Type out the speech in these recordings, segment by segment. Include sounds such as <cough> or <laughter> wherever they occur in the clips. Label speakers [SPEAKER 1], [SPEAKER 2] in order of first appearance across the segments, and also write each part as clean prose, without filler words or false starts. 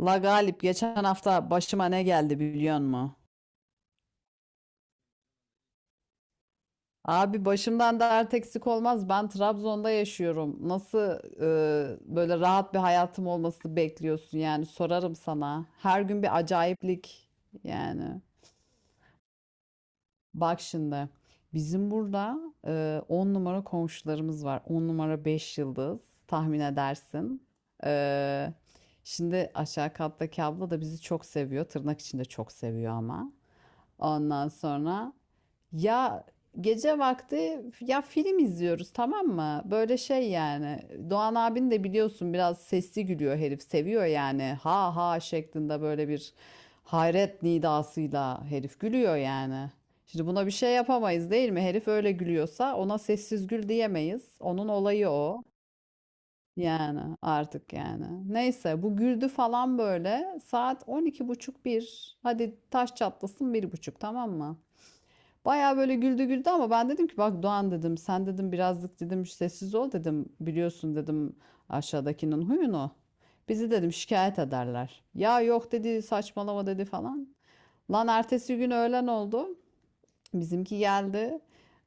[SPEAKER 1] La Galip geçen hafta başıma ne geldi biliyor musun? Abi başımdan dert eksik olmaz. Ben Trabzon'da yaşıyorum. Nasıl böyle rahat bir hayatım olması bekliyorsun yani sorarım sana. Her gün bir acayiplik yani. Bak şimdi bizim burada 10 numara komşularımız var. 10 numara 5 yıldız tahmin edersin. E, şimdi aşağı kattaki abla da bizi çok seviyor. Tırnak içinde çok seviyor ama. Ondan sonra... Ya gece vakti ya film izliyoruz tamam mı? Böyle şey yani Doğan abin de biliyorsun biraz sesli gülüyor herif seviyor yani ha ha şeklinde böyle bir hayret nidasıyla herif gülüyor yani. Şimdi buna bir şey yapamayız değil mi? Herif öyle gülüyorsa ona sessiz gül diyemeyiz. Onun olayı o. Yani artık yani. Neyse bu güldü falan böyle saat 12:30 bir. Hadi taş çatlasın 1:30 tamam mı? Baya böyle güldü güldü ama ben dedim ki bak Doğan dedim sen dedim birazcık dedim sessiz ol dedim biliyorsun dedim aşağıdakinin huyunu. Bizi dedim şikayet ederler. Ya yok dedi saçmalama dedi falan. Lan ertesi gün öğlen oldu. Bizimki geldi.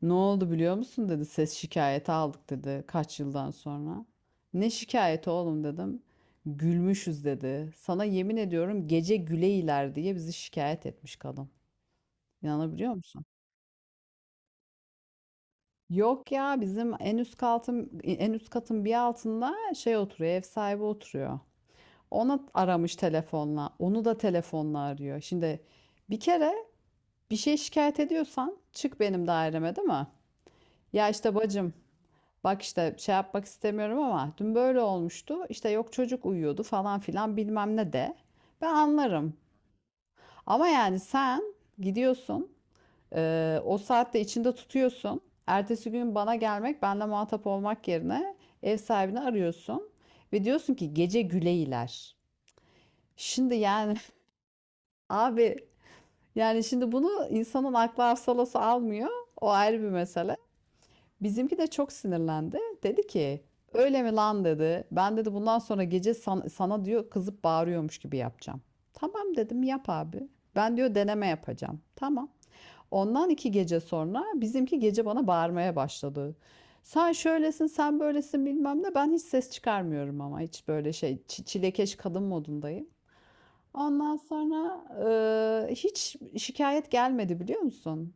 [SPEAKER 1] Ne oldu biliyor musun dedi ses şikayeti aldık dedi kaç yıldan sonra. Ne şikayeti oğlum dedim. Gülmüşüz dedi. Sana yemin ediyorum gece güleyler diye bizi şikayet etmiş kadın. İnanabiliyor musun? Yok ya bizim en üst katın en üst katın bir altında şey oturuyor ev sahibi oturuyor. Ona aramış telefonla. Onu da telefonla arıyor. Şimdi bir kere bir şey şikayet ediyorsan çık benim daireme değil mi? Ya işte bacım bak işte şey yapmak istemiyorum ama dün böyle olmuştu. İşte yok çocuk uyuyordu falan filan bilmem ne de. Ben anlarım. Ama yani sen gidiyorsun o saatte içinde tutuyorsun. Ertesi gün bana gelmek, benle muhatap olmak yerine ev sahibini arıyorsun ve diyorsun ki gece Güleyler. Şimdi yani <laughs> abi yani şimdi bunu insanın aklı hafsalası almıyor. O ayrı bir mesele. Bizimki de çok sinirlendi. Dedi ki öyle mi lan dedi. Ben dedi bundan sonra gece sana diyor kızıp bağırıyormuş gibi yapacağım. Tamam dedim yap abi. Ben diyor deneme yapacağım. Tamam. Ondan 2 gece sonra bizimki gece bana bağırmaya başladı. Sen şöylesin, sen böylesin bilmem ne. Ben hiç ses çıkarmıyorum ama hiç böyle şey çilekeş kadın modundayım. Ondan sonra hiç şikayet gelmedi biliyor musun?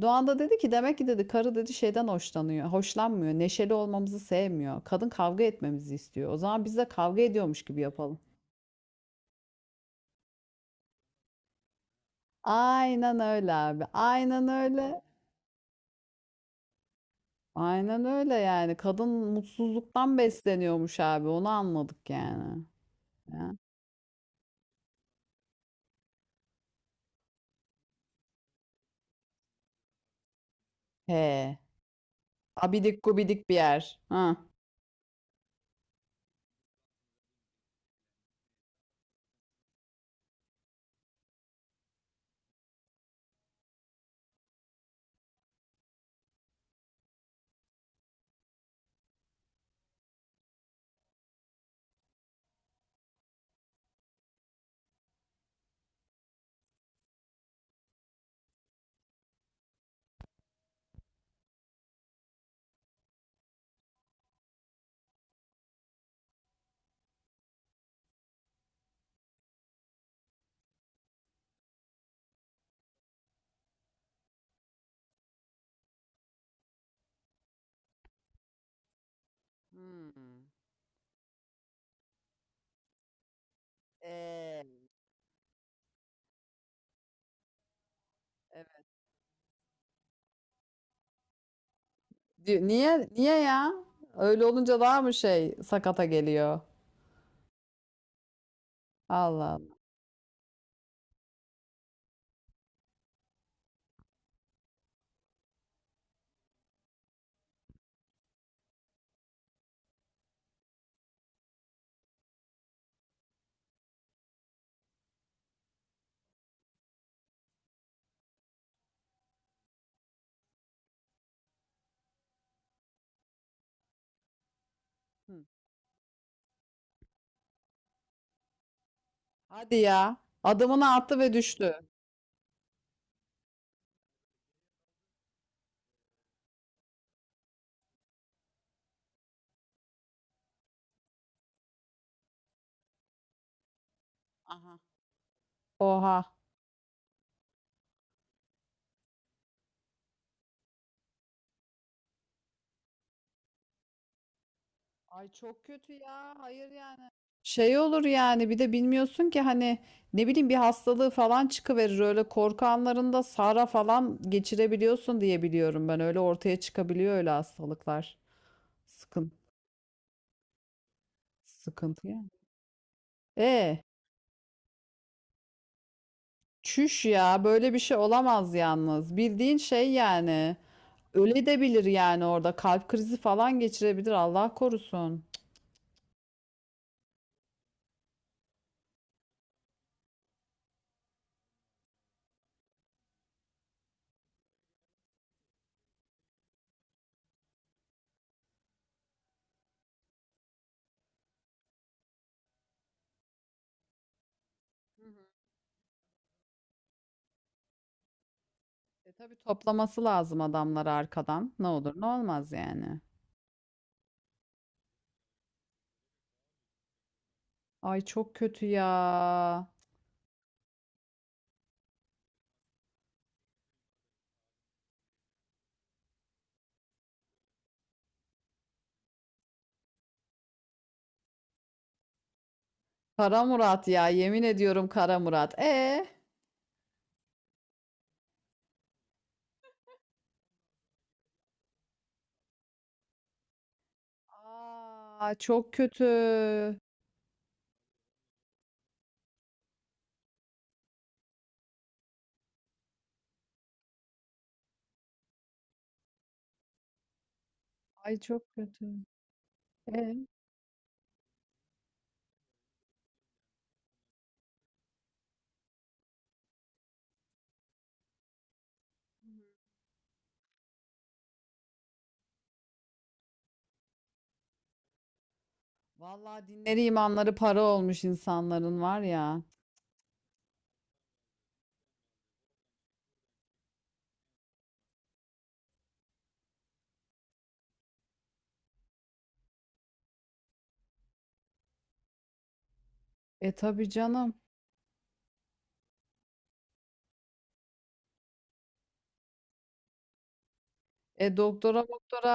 [SPEAKER 1] Doğan da dedi ki demek ki dedi karı dedi şeyden hoşlanıyor, hoşlanmıyor, neşeli olmamızı sevmiyor. Kadın kavga etmemizi istiyor. O zaman biz de kavga ediyormuş gibi yapalım. Aynen öyle abi. Aynen öyle. Aynen öyle yani. Kadın mutsuzluktan besleniyormuş abi. Onu anladık yani. Ya. He. Abidik gubidik bir yer. Ha. Hmm. Ee, evet. Niye niye ya? Öyle olunca daha mı şey sakata geliyor? Allah Allah. Hı. Hadi ya. Adımını attı ve düştü. Aha. Oha. Ay çok kötü ya. Hayır yani. Şey olur yani bir de bilmiyorsun ki hani ne bileyim bir hastalığı falan çıkıverir. Öyle korku anlarında sara falan geçirebiliyorsun diye biliyorum ben. Öyle ortaya çıkabiliyor öyle hastalıklar. Sıkıntı, sıkıntı yani. E, çüş ya böyle bir şey olamaz yalnız. Bildiğin şey yani. Öle de bilir yani orada kalp krizi falan geçirebilir Allah korusun. E tabii toplaması lazım adamları arkadan. Ne olur ne olmaz yani. Ay çok kötü ya. Kara Murat ya yemin ediyorum Kara Murat. E? Aa çok kötü. Ay çok kötü. E? Vallahi dinleri imanları para olmuş insanların var ya. E tabii canım. E doktora doktora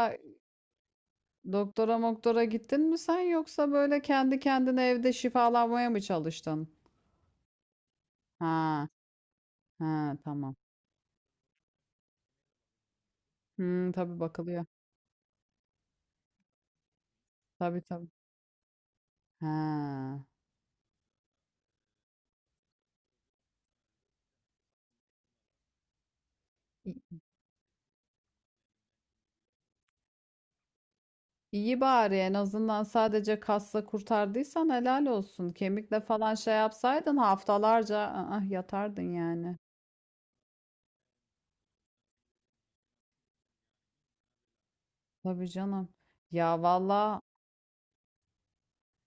[SPEAKER 1] doktora doktora gittin mi sen yoksa böyle kendi kendine evde şifalanmaya mı çalıştın? Ha ha tamam. Hmm, tabii bakılıyor. Tabii tabii. Ha. İyi bari en azından sadece kasla kurtardıysan helal olsun. Kemikle falan şey yapsaydın haftalarca yatardın yani. Tabii canım. Ya valla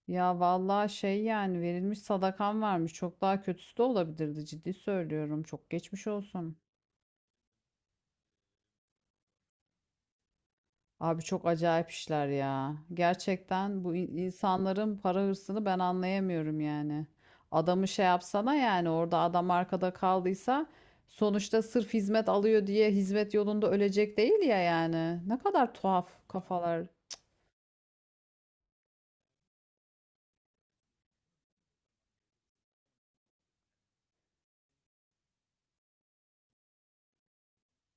[SPEAKER 1] ya valla şey yani verilmiş sadakan varmış. Çok daha kötüsü de olabilirdi ciddi söylüyorum. Çok geçmiş olsun. Abi çok acayip işler ya. Gerçekten bu insanların para hırsını ben anlayamıyorum yani. Adamı şey yapsana yani orada adam arkada kaldıysa sonuçta sırf hizmet alıyor diye hizmet yolunda ölecek değil ya yani. Ne kadar tuhaf kafalar.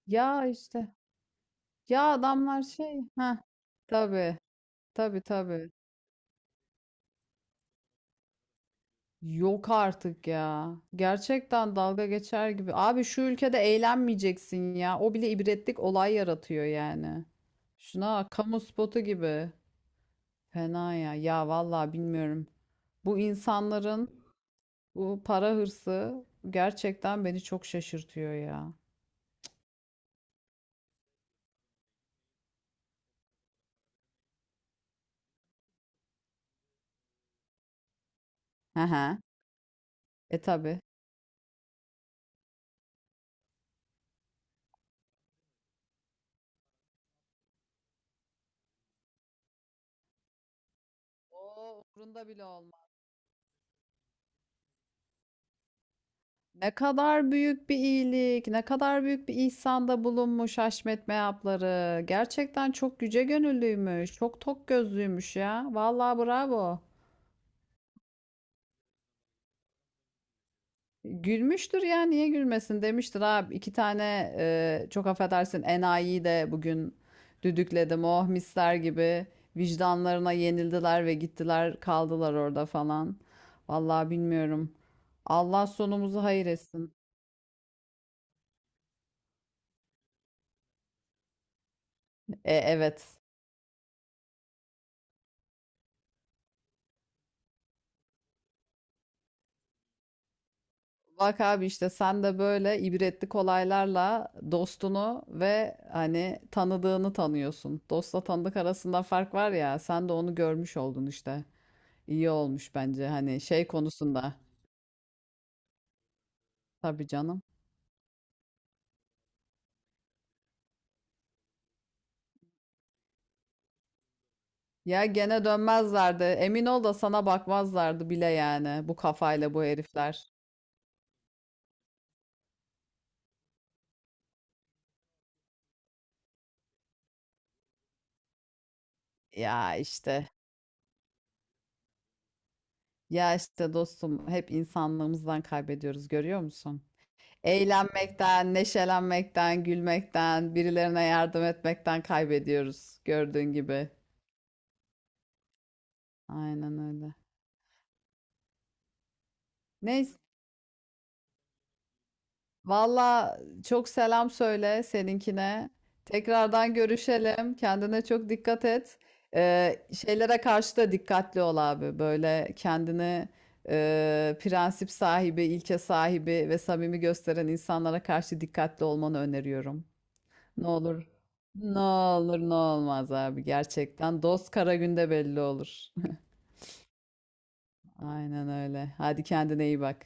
[SPEAKER 1] Ya işte ya adamlar şey ha tabii tabii tabii. Yok artık ya. Gerçekten dalga geçer gibi. Abi şu ülkede eğlenmeyeceksin ya. O bile ibretlik olay yaratıyor yani. Şuna bak, kamu spotu gibi. Fena ya. Ya vallahi bilmiyorum. Bu insanların bu para hırsı gerçekten beni çok şaşırtıyor ya. Hı hı. E tabi. O umurunda bile olmaz. Ne kadar büyük bir iyilik, ne kadar büyük bir ihsanda bulunmuş Haşmet Meyapları. Gerçekten çok yüce gönüllüymüş, çok tok gözlüymüş ya. Vallahi bravo. Gülmüştür ya, niye gülmesin demiştir abi. İki tane çok affedersin enayiyi de bugün düdükledim. Oh misler gibi vicdanlarına yenildiler ve gittiler kaldılar orada falan. Vallahi bilmiyorum. Allah sonumuzu hayır etsin. E, evet. Bak abi işte sen de böyle ibretlik olaylarla dostunu ve hani tanıdığını tanıyorsun. Dostla tanıdık arasında fark var ya sen de onu görmüş oldun işte. İyi olmuş bence hani şey konusunda. Tabii canım. Ya gene dönmezlerdi. Emin ol da sana bakmazlardı bile yani bu kafayla bu herifler. Ya işte. Ya işte dostum hep insanlığımızdan kaybediyoruz görüyor musun? Eğlenmekten, neşelenmekten, gülmekten, birilerine yardım etmekten kaybediyoruz gördüğün gibi. Aynen öyle. Neyse, valla çok selam söyle seninkine. Tekrardan görüşelim. Kendine çok dikkat et. Şeylere karşı da dikkatli ol abi. Böyle kendini prensip sahibi, ilke sahibi ve samimi gösteren insanlara karşı dikkatli olmanı öneriyorum. Ne olur. Ne olur ne olmaz abi gerçekten. Dost kara günde belli olur. <laughs> Aynen öyle. Hadi kendine iyi bak.